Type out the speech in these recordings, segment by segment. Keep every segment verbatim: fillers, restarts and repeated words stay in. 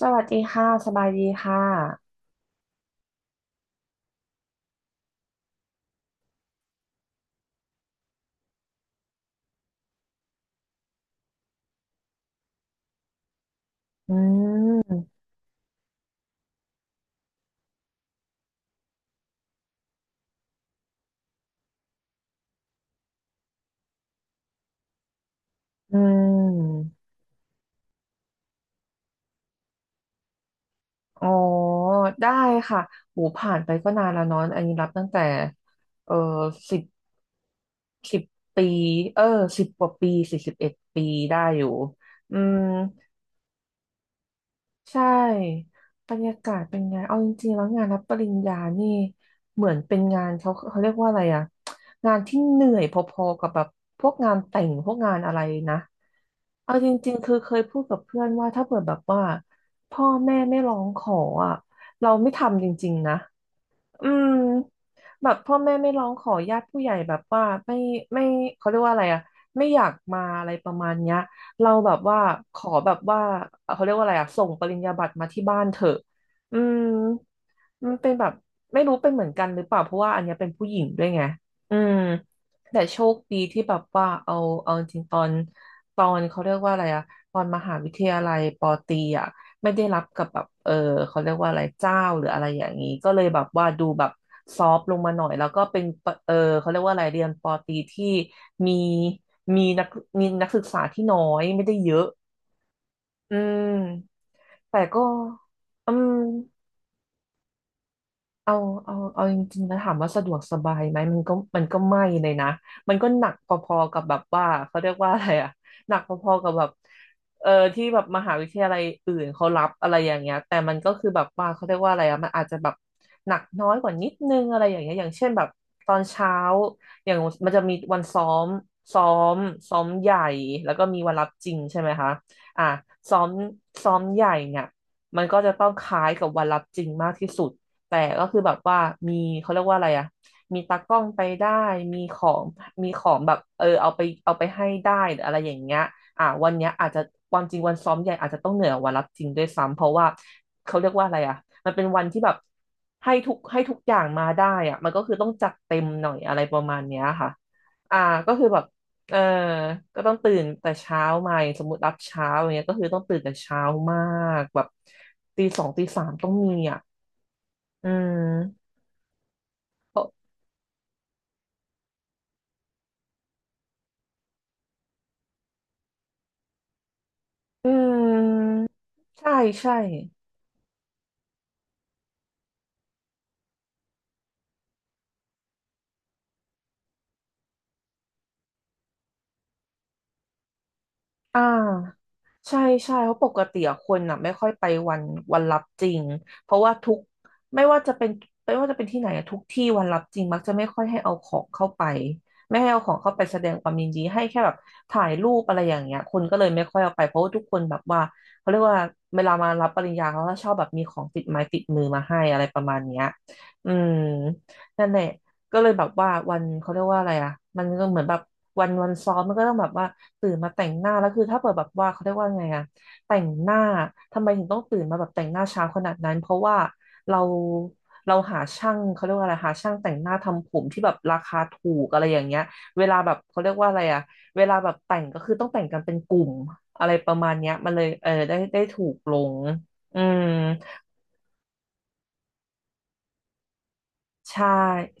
สวัสดีค่ะสบายดีค่ะอืมอืม อ๋อ ได้ค่ะโหูผ่านไปก็นานแล้วเนอะอันนี้รับตั้งแต่เออสิบสิบปี เออสิบกว่าปีสี่สิบเอ็ดปีได้อยู่อืม ใช่บรรยากาศเป็นไง เอาจริงๆแล้วงานรับปริญญานี่เหมือนเป็นงานเขาเขาเรียกว่าอะไรอะงานที่เหนื่อยพอๆกับแบบพวกงานแต่งพวกงานอะไรนะเอาจริงๆคือเคยพูดกับเพื่อนว่าถ้าเกิดแบบว่าพ่อแม่ไม่ร้องขออะเราไม่ทำจริงๆนะ อืมแบบพ่อแม่ไม่ร้องขอญาติผู้ใหญ่แบบว่าไม่ไม่เขาเรียกว่าอะไรอะไม่อยากมาอะไรประมาณเนี้ยเราแบบว่าขอแบบว่าเอ่อเขาเรียกว่าอะไรอะส่งปริญญาบัตรมาที่บ้านเถอะอืม มันเป็นแบบไม่รู้เป็นเหมือนกันหรือเปล่าเพราะว่าอันเนี้ยเป็นผู้หญิงด้วยไงอืมแต่โชคดีที่แบบว่าเอาเอาจริงๆตอนตอนเขาเรียกว่าอะไรอะตอนมหาวิทยาลัยปอตรีอะไม่ได้รับกับแบบเออเขาเรียกว่าอะไรเจ้าหรืออะไรอย่างนี้ก็เลยแบบว่าดูแบบซอฟต์ลงมาหน่อยแล้วก็เป็นเออเขาเรียกว่าอะไรเรียนปอตรีที่มีมีนักมีนักศึกษาที่น้อยไม่ได้เยอะอืมแต่ก็อืม เอาเอาเอาจริงๆนะถามว่าสะดวกสบายไหม มันก็ มันก็ไม่เลยนะ มันก็หนักพอๆกับแบบว่าเขาเรียกว่าอะไรอะหนักพอๆกับแบบเออที่แบบมหาวิทยาลัยอื่นเขารับอะไรอย่างเงี้ยแต่มันก็คือแบบว่าเขาเรียกว่าอะไรอะมันอาจจะแบบหนักน้อยกว่านิดนึงอะไรอย่างเงี้ยอย่างเช่นแบบตอนเช้าอย่างมันจะมีวันซ้อมซ้อมซ้อมใหญ่แล้วก็มีวันรับจริงใช่ไหมคะอ่ะซ้อมซ้อมใหญ่เนี่ยมันก็จะต้องคล้ายกับวันรับจริงมากที่สุด แต่ก็คือแบบว่ามีเขาเรียกว่าอะไรอะมีตากล้องไปได้มีของมีของแบบเออเอาไปเอาไปให้ได้หรืออะไรอย่างเงี้ยอ่ะวันเนี้ยอาจจะความจริงวันซ้อมใหญ่อาจจะต้องเหนื่อยกว่าวันรับจริงด้วยซ้ำเพราะว่าเขาเรียกว่าอะไรอ่ะมันเป็นวันที่แบบให้ทุกให้ทุกอย่างมาได้อ่ะมันก็คือต้องจัดเต็มหน่อยอะไรประมาณเนี้ยค่ะอ่าก็คือแบบเออก็ต้องตื่นแต่เช้ามาอย่างสมมติรับเช้าอย่างเงี้ยก็คือต้องตื่นแต่เช้ามากแบบตีสองตีสามต้องมีอ่ะอืม อืมใช่ใช่อ่าใช่ใช่เพราะปกติอะคนอ่ะไม่ค่อยไปวันวันรับจริงเพราะว่าทุกไม่ว่าจะเป็นไม่ว่าจะเป็นที่ไหนอะทุกที่วันรับจริงมักจะไม่ค่อยให้เอาของเข้าไปไม่ให้เอาของเข้าไปแสดงความยินดีให้แค่แบบถ่ายรูปอะไรอย่างเงี้ยคนก็เลยไม่ค่อยเอาไปเพราะว่าทุกคนแบบว่าเขาเรียกว่าเวลามารับปริญญาเขาก็ชอบแบบมีของติดไม้ติดมือมาให้อะไรประมาณเนี้ยอืมนั่นแหละ ก็เลยแบบว่าวันเขาเรียกว่าอะไรอ่ะมันก็เหมือนแบบวันวันซ้อมมันก็ต้องแบบว่าตื่นมาแต่งหน้าแล้วคือถ้าเปิดแบบว่าเขาเรียกว่าไงอ่ะแต่งหน้าทำไมถึงต้องตื่นมาแบบแต่งหน้าเช้าขนาดนั้นเพราะว่าเราเราหาช่างเขาเรียกว่าอะไรหาช่างแต่งหน้าทำผมที่แบบราคาถูกอะไรอย่างเงี้ยเวลาแบบเขาเรียกว่าอะไรอ่ะเวลาแบบแต่งก็คือต้องแต่งกันเป็นกลุ่มอะไรประมาณเนี้ยมันเลยเออได้ได้ถูกลงอืม ใช่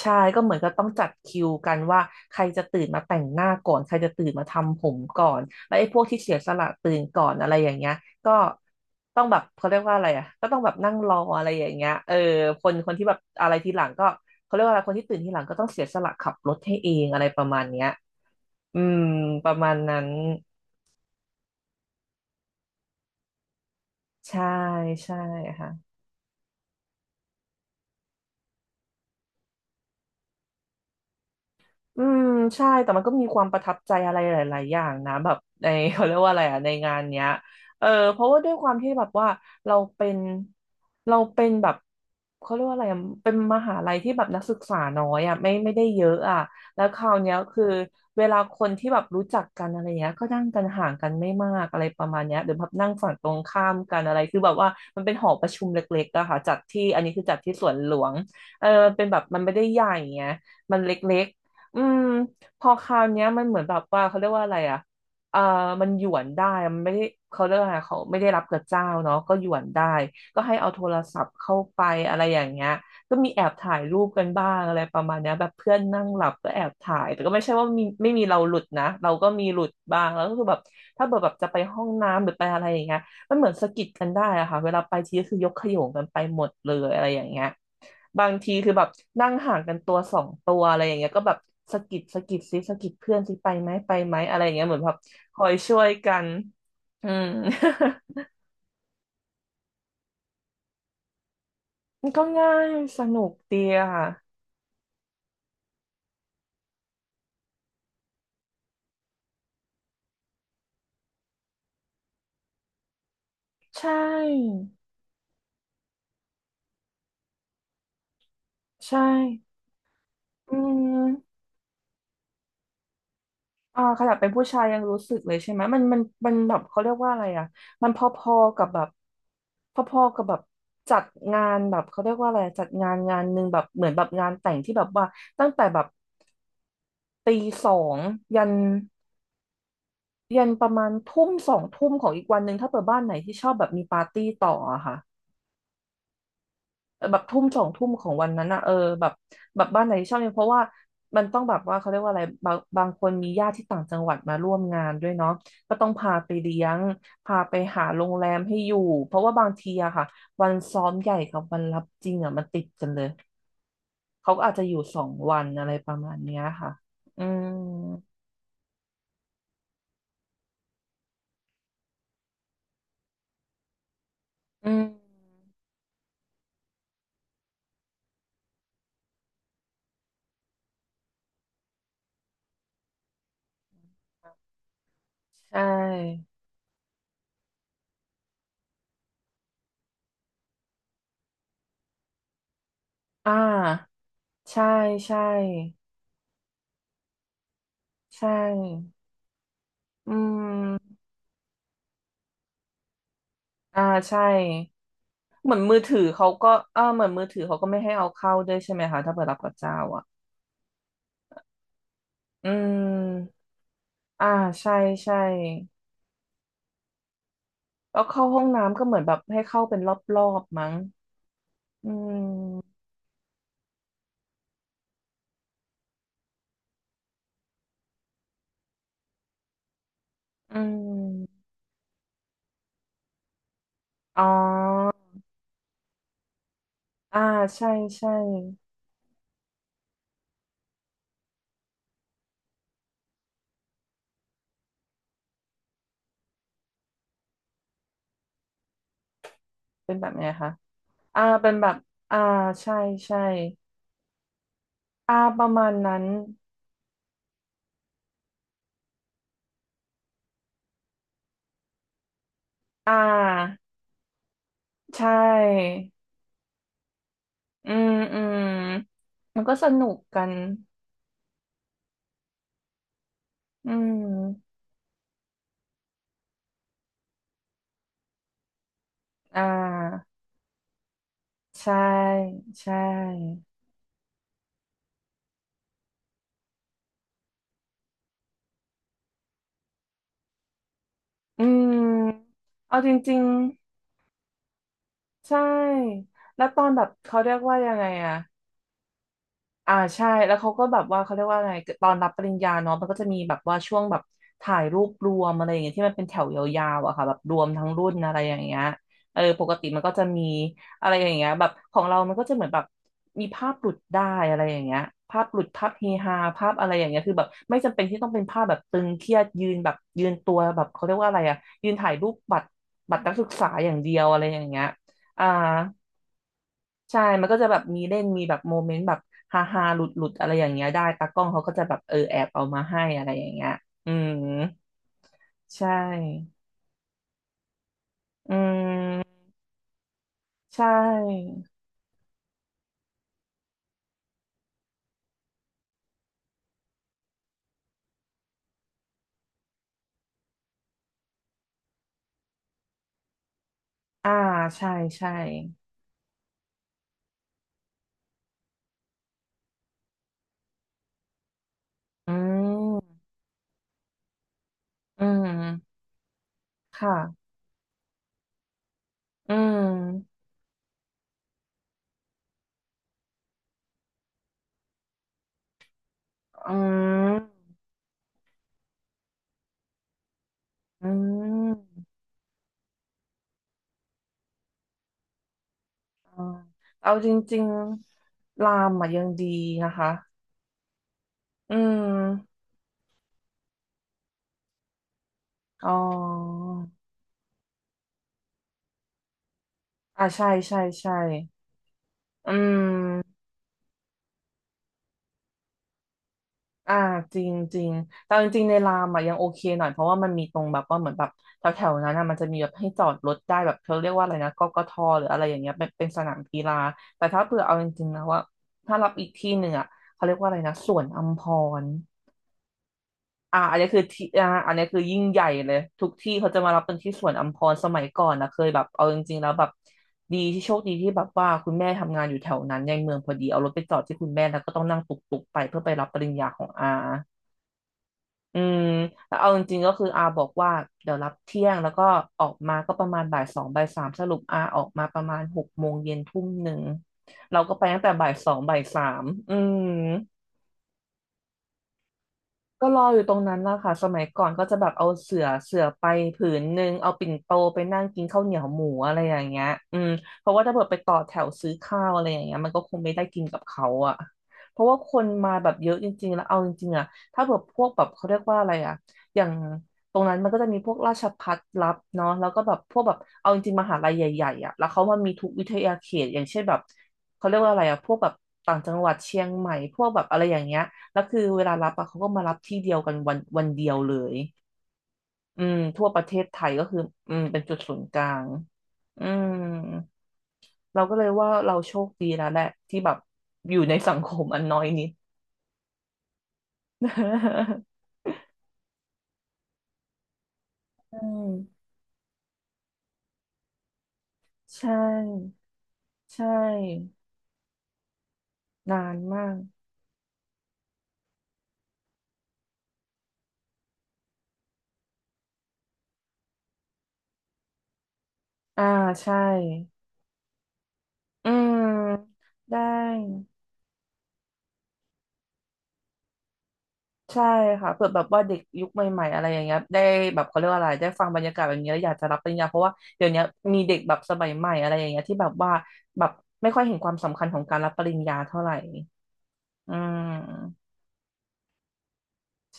ใช่ก็เหมือนก็ต้องจัดคิวกันว่าใครจะตื่นมาแต่งหน้าก่อนใครจะตื่นมาทำผมก่อนแล้วไอ้พวกที่เสียสละตื่นก่อนอะไรอย่างเงี้ยก็ต้องแบบเขาเรียกว่าอะไรอ่ะก็ต้องแบบนั่งรออะไรอย่างเงี้ยเออคนคนที่แบบอะไรทีหลังก็เขาเรียกว่าอะไรคนที่ตื่นทีหลังก็ต้องเสียสละขับรถให้เองอะไรประมาณเนี้ยอืมประมาณนั้นใช่ใช่ค่ะ อืมใช่แต่มันก็มีความประทับใจอะไรหลายๆอย่างนะแบบใน เขาเรียกว่าอะไรอ่ะในงานเนี้ยเออเพราะว่าด้วยความที่แบบว่าเราเป็นเราเป็นแบบเขาเรียกว่าอะไรอะเป็นมหาลัยที่แบบนักศึกษาน้อยอ่ะไม่ไม่ได้เยอะอ่ะแล้วคราวเนี้ยคือเวลาคนที่แบบรู้จักกันอะไรเงี้ยก็นั่งกันห่างกันไม่มากอะไรประมาณเนี้ยหรือแบบนั่งฝั่งตรงข้ามกันอะไรคือแบบว่ามันเป็นหอประชุมเล็กๆอะค่ะจัดที่อันนี้คือจัดที่สวนหลวงเออนเป็นแบบมันไม่ได้ใหญ่ไงมันเล็ก อืมพอคราวเนี้ยมันเหมือนแบบว่าเขาเรียกว่าอะไรอ่ะเออมันหยวนได้มันไม่ได้เขาเรียกว่าอะไรเขาไม่ได้รับกับเจ้าเนาะก็หยวนได้ก็ให้เอาโทรศัพท์เข้าไปอะไรอย่างเงี้ยก็มีแอบถ่ายรูปกันบ้างอะไรประมาณเนี้ยแบบเพื่อนนั่งหลับก็แอบถ่ายแต่ก็ไม่ใช่ว่ามีไม่มีเราหลุดนะเราก็มีหลุดบ้างแล้วก็คือแบบถ้าเกิดแบบจะไปห้องน้ำหรือไปอะไรอย่างเงี้ย มันเหมือนสะกิดกันได้อะค่ะเวลาไปทีก็คือยกขโยงกันไปหมดเลยอะไรอย่างเงี้ยบางทีคือแบบนั่งห่างกันตัวสองตัวอะไรอย่างเงี้ยก็แบบสะกิดสะกิดซิสะกิดเพื่อนซิไปไหมไปไหมอะไรอย่างเงี้ยเหมือนแบบคอยช่วยกันอืม มันก็ง่ายสนุกดีอะค่ะใช่ใช่อืม อ่าขนาดเป็นผู้ชายยังรู้สึกเลยใช่ไหมมันมันมันแบบเขาเรียกว่าอะไรอ่ะมันพอๆกับแบบพอๆกับแบบจัดงานแบบเขาเรียกว่าอะไรจัดงานงานหนึ่งแบบเหมือนแบบงานแต่งที่แบบว่าตั้งแต่แบบตีสองยันยันประมาณทุ่มสองทุ่มของอีกวันหนึ่งถ้าเปิดบ้านไหนที่ชอบแบบมีปาร์ตี้ต่ออะค่ะ แบบทุ่มสองทุ่มของวันนั้นอะเออแบบแบบบ้านไหนที่ชอบเนี่ยเพราะว่ามันต้องแบบว่าเขาเรียกว่าอะไรบางบางคนมีญาติที่ต่างจังหวัดมาร่วมงานด้วยเนาะก็ต้องพาไปเลี้ยงพาไปหาโรงแรมให้อยู่เพราะว่าบางทีอะค่ะวันซ้อมใหญ่กับวันรับจริงอะมันติดกันเลยเขาก็อาจจะอยู่สองวันอะไรประมาณเนี้ยค่ะอืมอืมใช่อ่าใช่ใช่ใช่อืมอ่าใช่ เหมือนมือถือเขาก็เออเหมือนมือถือเขาก็ไม่ให้เอาเข้าด้วยใช่ไหมคะถ้าเปิดรับกับเจ้าอ่ะอืมอ่าใช่ใช่แล้วเข้าห้องน้ำก็เหมือนแบบให้เข้าเป็นรอบๆมั้งอืมอืมอ๋ออ่าใช่ใช่เป็นแบบไหนคะอ่าเป็นแบบอ่าใช่ใช่อ่าประมาณนั้นอ่าใช่อืมอืมมันก็สนุกกันอืมอ่า ใช่ใช่ อืมเอาจริงๆใช่ แล้วตอนแบบเขาเรียกว่ายังไงอะ อ่าใช่แล้วเขาก็แบบว่าเขาเรียกว่าไงตอนรับปริญญาเนาะมันก็จะมีแบบว่าช่วงแบบถ่ายรูปรวมอะไรอย่างเงี้ยที่มันเป็นแถวยาวๆอะค่ะแบบรวมทั้งรุ่นอะไรอย่างเงี้ยเออปกติมันก็จะมีอะไรอย่างเงี้ยแบบของเรามันก็จะเหมือนแบบมีภาพหลุดได้อะไรอย่างเงี้ยภาพหลุดภาพเฮฮาภาพอะไรอย่างเงี้ยคือแบบไม่จำเป็นที่ต้องเป็นภาพแบบตึงเครียดยืนแบบยืนตัวแบบเขาเรียกว่าอะไรอะยืนถ่ายรูปบัตรบัตรนักศึกษาอย่างเดียวอะไรอย่างเงี้ยอ่า ใช่มันก็จะแบบมีเล่นมีแบบโมเมนต์แบบฮาฮาหลุดหลุดๆอะไรอย่างเงี้ยได้ตากล้องเขาก็จะแบบเออแอบเอามาให้อะไรอย่างเงี้ยอืมใช่อืมใช่อ่าใช่ใช่อืมอืมค่ะอืมอืมอืมอ่าเอาจริงๆรามอ่ะยังดีนะคะอืมอ๋ออ่าใช่ใช่ใช่อืม อ่าจริงจริงแต่จริงๆในรามอ่ะยังโอเคหน่อยเพราะว่ามันมีตรงแบบว่าเหมือนแบบแถวๆนั้นอ่ะมันจะมีแบบให้จอดรถได้แบบเขาเรียกว่าอะไรนะกกทหรืออะไรอย่างเงี้ยเป็นเป็นสนามกีฬาแต่ถ้าเผื่อเอาจริงๆนะว่าถ้ารับอีกที่หนึ่งอ่ะเขาเรียกว่าอะไรนะสวนอัมพรอ่าอันนี้คือที่อ่าอันนี้คือยิ่งใหญ่เลยทุกที่เขาจะมารับเป็นที่สวนอัมพรสมัยก่อนนะเคยแบบเอาจริงๆแล้วแบบดีที่โชคดีที่แบบว่าคุณแม่ทำงานอยู่แถวนั้นในเมืองพอดีเอารถไปจอดที่คุณแม่แล้วก็ต้องนั่งตุกๆไปเพื่อไปรับปริญญาของอา อืมแล้วเอาจริงๆก็คืออาบอกว่าเดี๋ยวรับเที่ยงแล้วก็ออกมาก็ประมาณบ่ายสองบ่ายสามสรุปอาออกมาประมาณหกโมงเย็นทุ่มหนึ่งเราก็ไปตั้งแต่บ่ายสองบ่ายสามอืม ก็รออยู่ตรงนั้นนะคะสมัยก่อนก็จะแบบเอาเสื่อเสื่อไปผืนหนึงเอาปิ่นโตไปนั่งกินข้าวเหนียวหมูอะไรอย่างเงี้ยอืมเพราะว่าถ้าเกิดไปต่อแถวซื้อข้าวอะไรอย่างเงี้ยมันก็คงไม่ได้กินกับเขาอะเพราะว่าคนมาแบบเยอะจริงๆแล้วเอาจริงๆอะถ้าแบบพวกแบบเขาเรียกว่าอะไรอะอย่างตรงนั้นมันก็จะมีพวกราชภัฏรับเนาะแล้วก็แบบพวกแบบเอาจริงๆมหาลัยใหญ่ๆอะแล้วเขามันมีทุกวิทยาเขตอย่างเช่นแบบเขาเรียกว่าอะไรอะพวกแบบต่างจังหวัดเชียงใหม่พวกแบบอะไรอย่างเงี้ย แล้วคือเวลารับอะเขาก็มารับที่เดียวกันวันวันเดียวเลย อืมทั่วประเทศไทยก็คืออืมเป็นจุดศูนย์กลาง อืมเราก็เลยว่าเราโชคดีแล้วแหละที่แบบอยู่ในสังคมอันน้อยนิด อืม ใช่ใช่นานมาก อ่าใช่อืมได้ ใช่ค่ะเผื่อแบบว่าเด็กยุคใหม่ๆอะไรอย่างเงี้ยได้แบบเขาเรียกว่าอะไรได้ฟังบรรยากาศแบบนี้แล้วอยากจะรับปริญญาเพราะว่าเดี๋ยวนี้มีเด็กแบบสมัยใหม่อะไรอย่างเงี้ยที่แบบว่าแบบไม่ค่อยเห็นความสำคัญของการรับปริญญาเท่าไหร่อืม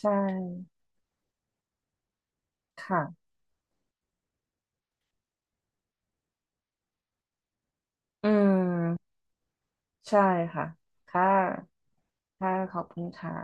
ใช่ค่ะอืมใช่ค่ะค่ะค่ะขอบคุณค่ะ